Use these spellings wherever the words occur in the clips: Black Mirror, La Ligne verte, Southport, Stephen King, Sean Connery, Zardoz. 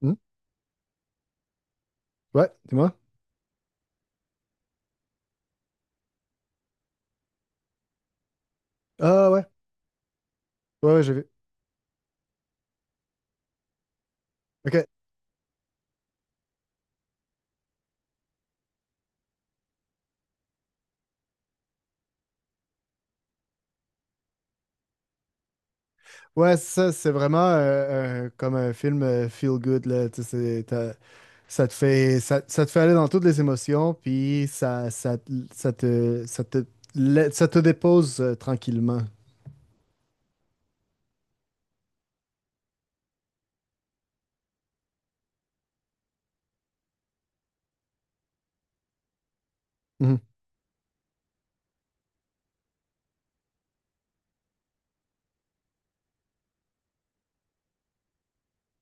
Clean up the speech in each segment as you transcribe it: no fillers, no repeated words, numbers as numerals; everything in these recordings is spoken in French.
Hmm? Ouais, dis-moi. Ah ouais, ouais, ouais, j'ai vu. Ok. Ouais, ça, c'est vraiment comme un film feel good, là. Tu sais, ça te fait aller dans toutes les émotions, puis ça te, ça te, ça te dépose tranquillement. Mhm.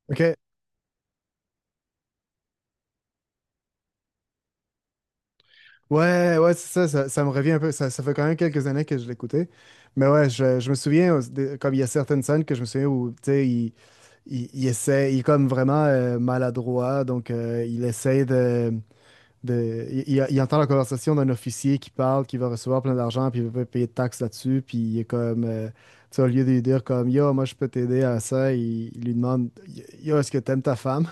Ok. Ouais, ouais, c'est ça, ça me revient un peu. Ça fait quand même quelques années que je l'écoutais. Mais ouais, je me souviens, comme il y a certaines scènes que je me souviens où, tu sais, il essaie, il est comme vraiment maladroit, donc il essaie il entend la conversation d'un officier qui parle, qui va recevoir plein d'argent, puis il veut pas payer de taxes là-dessus, puis il est comme, tu sais, au lieu de lui dire comme, yo, moi je peux t'aider à ça, il lui demande, yo, est-ce que t'aimes ta femme?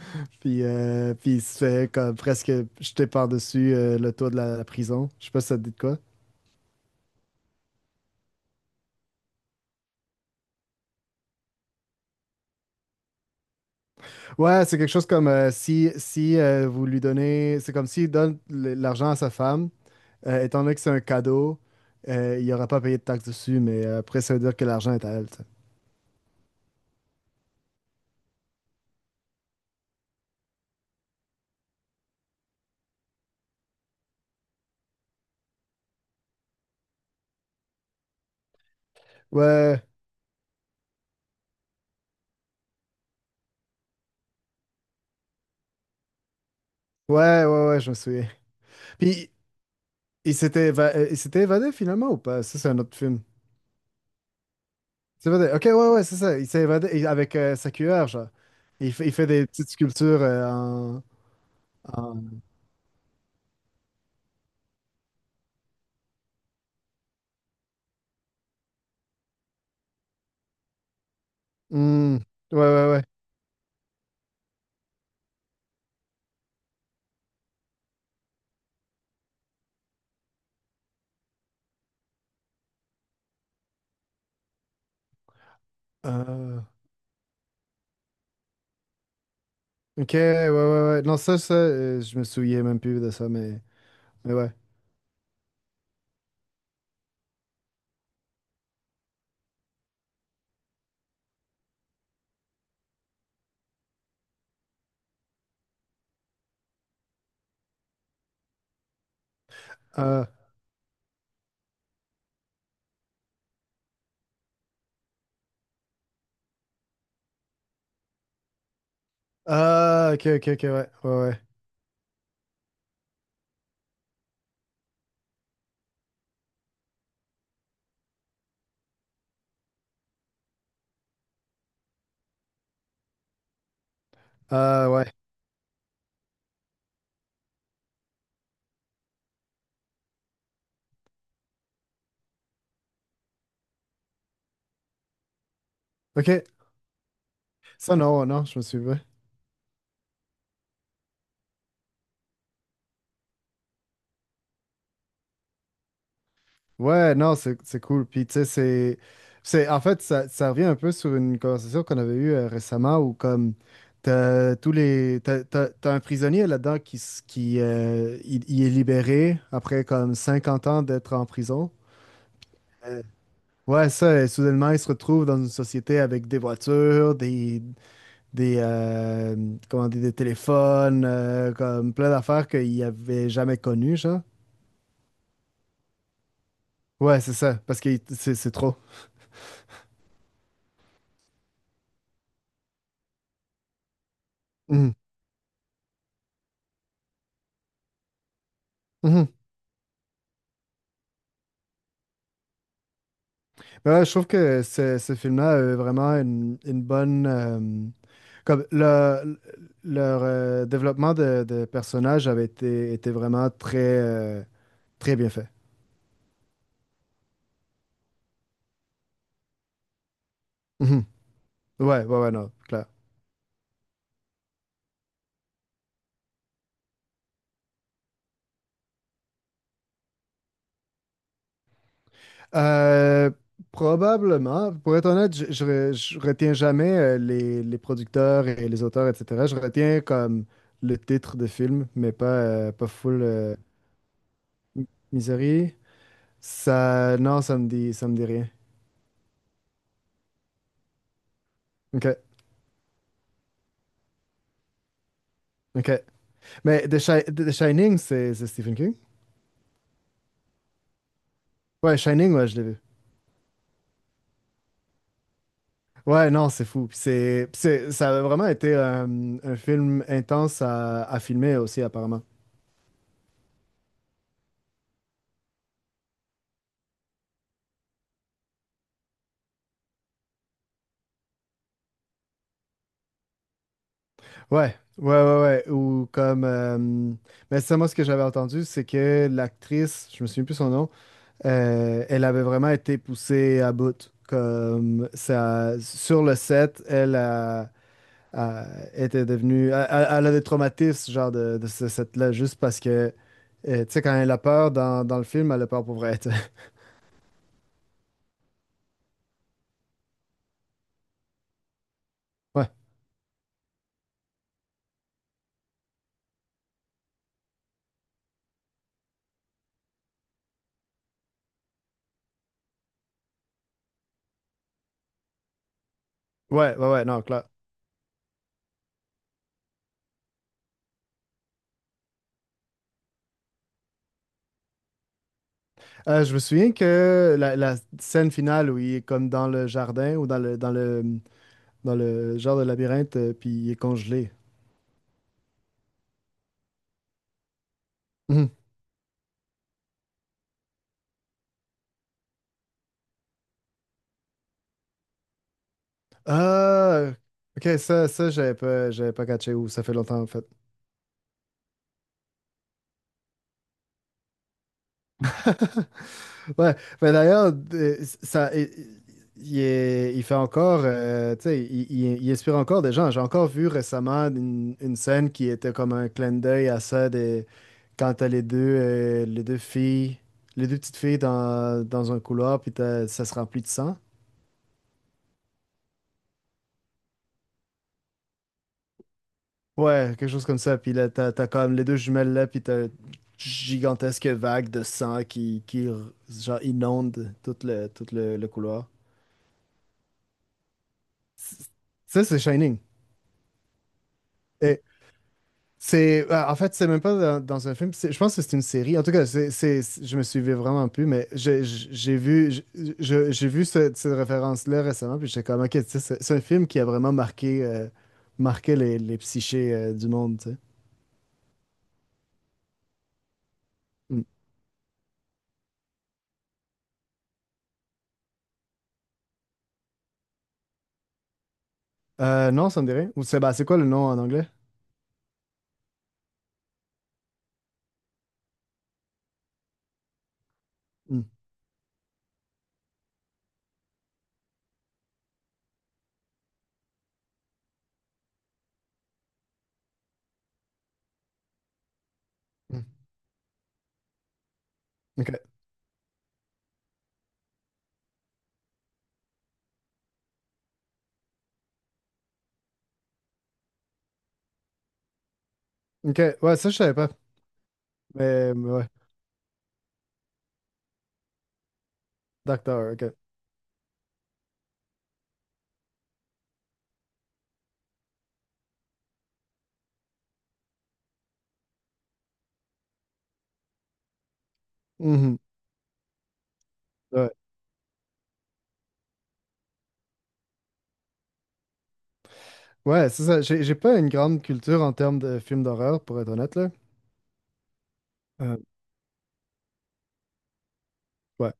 Puis il se fait comme presque jeter par-dessus le toit de la prison. Je sais pas si ça te dit de quoi. Ouais, c'est quelque chose comme si vous lui donnez, c'est comme s'il donne l'argent à sa femme, étant donné que c'est un cadeau, il n'aura pas payé de taxes dessus, mais après, ça veut dire que l'argent est à elle. Tu sais. Ouais, ouais, ouais, ouais, je me souviens. Puis, il s'était évadé finalement ou pas? Ça, c'est un autre film. Il s'est évadé. Ok, ouais, ouais, c'est ça. Il s'est évadé et avec sa cuillère, genre. Il fait des petites sculptures en- Hmm. Ouais, ouais, ouais. Euh, Ok, ouais, ouais, ouais. Non, je me souviens même plus de ça, mais ouais. Ah, ah, ok, ok, ok, ouais, ouais, ouais. Ah, ouais. Ok, ça, non, ouais, non, je me souviens. Ouais, non, c'est cool. Puis, tu sais, en fait, ça revient un peu sur une conversation qu'on avait eue récemment où, comme, t'as tous les. T'as un prisonnier là-dedans qui, s- qui il est libéré après, comme, 50 ans d'être en prison. Euh, Ouais, ça, soudainement, ils se retrouvent dans une société avec des voitures, des, euh, comment dire, des téléphones, comme plein d'affaires qu'ils n'avaient jamais connues, genre. Ouais, c'est ça, parce que c'est trop. Mhm. Mhm. Mais ouais, je trouve que ce film-là a vraiment une bonne, comme leur développement de personnages avait été, était vraiment très, très bien fait. Mhm. Ouais, ouais, ouais, non, clair. Euh, Probablement. Pour être honnête, je retiens jamais les producteurs et les auteurs, etc. Je retiens comme le titre de film, mais pas full Misery. Ça, non, ça me dit rien. OK, OK. Mais The Shining, c'est Stephen King? Ouais, Shining, ouais, je l'ai vu. Ouais, non, c'est fou. Puis ça a vraiment été un film intense à filmer aussi, apparemment. Ouais, ouais, ouais, ouais. Ou comme. Mais ça, moi, ce que j'avais entendu, c'est que l'actrice, je me souviens plus son nom, elle avait vraiment été poussée à bout. Comme ça, sur le set, elle a- était devenue. Elle a des traumatismes, genre, de ce set-là, juste parce que. Tu sais, quand elle a peur dans le film, elle a peur pour vrai. Tu sais. Ouais, ouais, ouais, ouais, non, clair. Je me souviens que la scène finale où il est comme dans le jardin ou dans le genre de labyrinthe, puis il est congelé. Mhm. Ah, ok, ça j'avais pas catché ou ça fait longtemps en fait. Ouais, mais d'ailleurs, ça, il fait encore, tu sais, il inspire encore des gens. J'ai encore vu récemment une scène qui était comme un clin d'œil à ça quand t'as les deux filles, les deux petites filles dans un couloir, puis ça se remplit de sang. Ouais, quelque chose comme ça. Puis là, t'as comme les deux jumelles là, puis t'as une gigantesque vague de sang qui, inonde tout le couloir. C- Ça, c'est Shining. Et c'est, en fait, c'est même pas dans un film. Je pense que c'est une série. En tout cas, je me suivais vraiment plus, mais j'ai vu, j'ai vu cette référence-là récemment, puis j'étais comme, ok, tu sais, c'est un film qui a vraiment marqué les psychés, du monde, tu sais. Mm. Non, ça me dirait. Ou c'est bah, c'est quoi le nom en anglais? Mm. Mm. Ok. Ok. Ouais, ça, je savais pas. Mais ouais. Docteur, ok. Mhm. Ouais. Ouais, c'est ça. J'ai pas une grande culture en termes de films d'horreur, pour être honnête, là. Euh, ouais.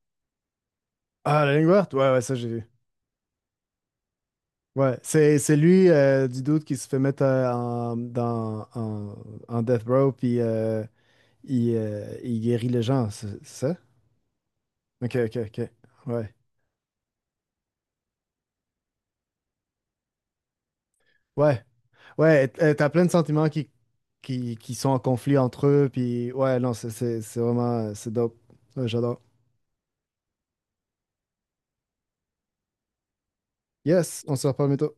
Ah, La Ligne verte? Ouais, ouais, ça, j'ai vu. Ouais. C'est lui du doute qui se fait mettre en Death Row, puis il guérit les gens, c'est ça? Ok, ok, ok. Ouais. Ouais, ouais, et t'as plein de sentiments qui sont en conflit entre eux, puis ouais, non, c'est vraiment, c'est dope. Ouais, j'adore. Yes, on se reparle bientôt.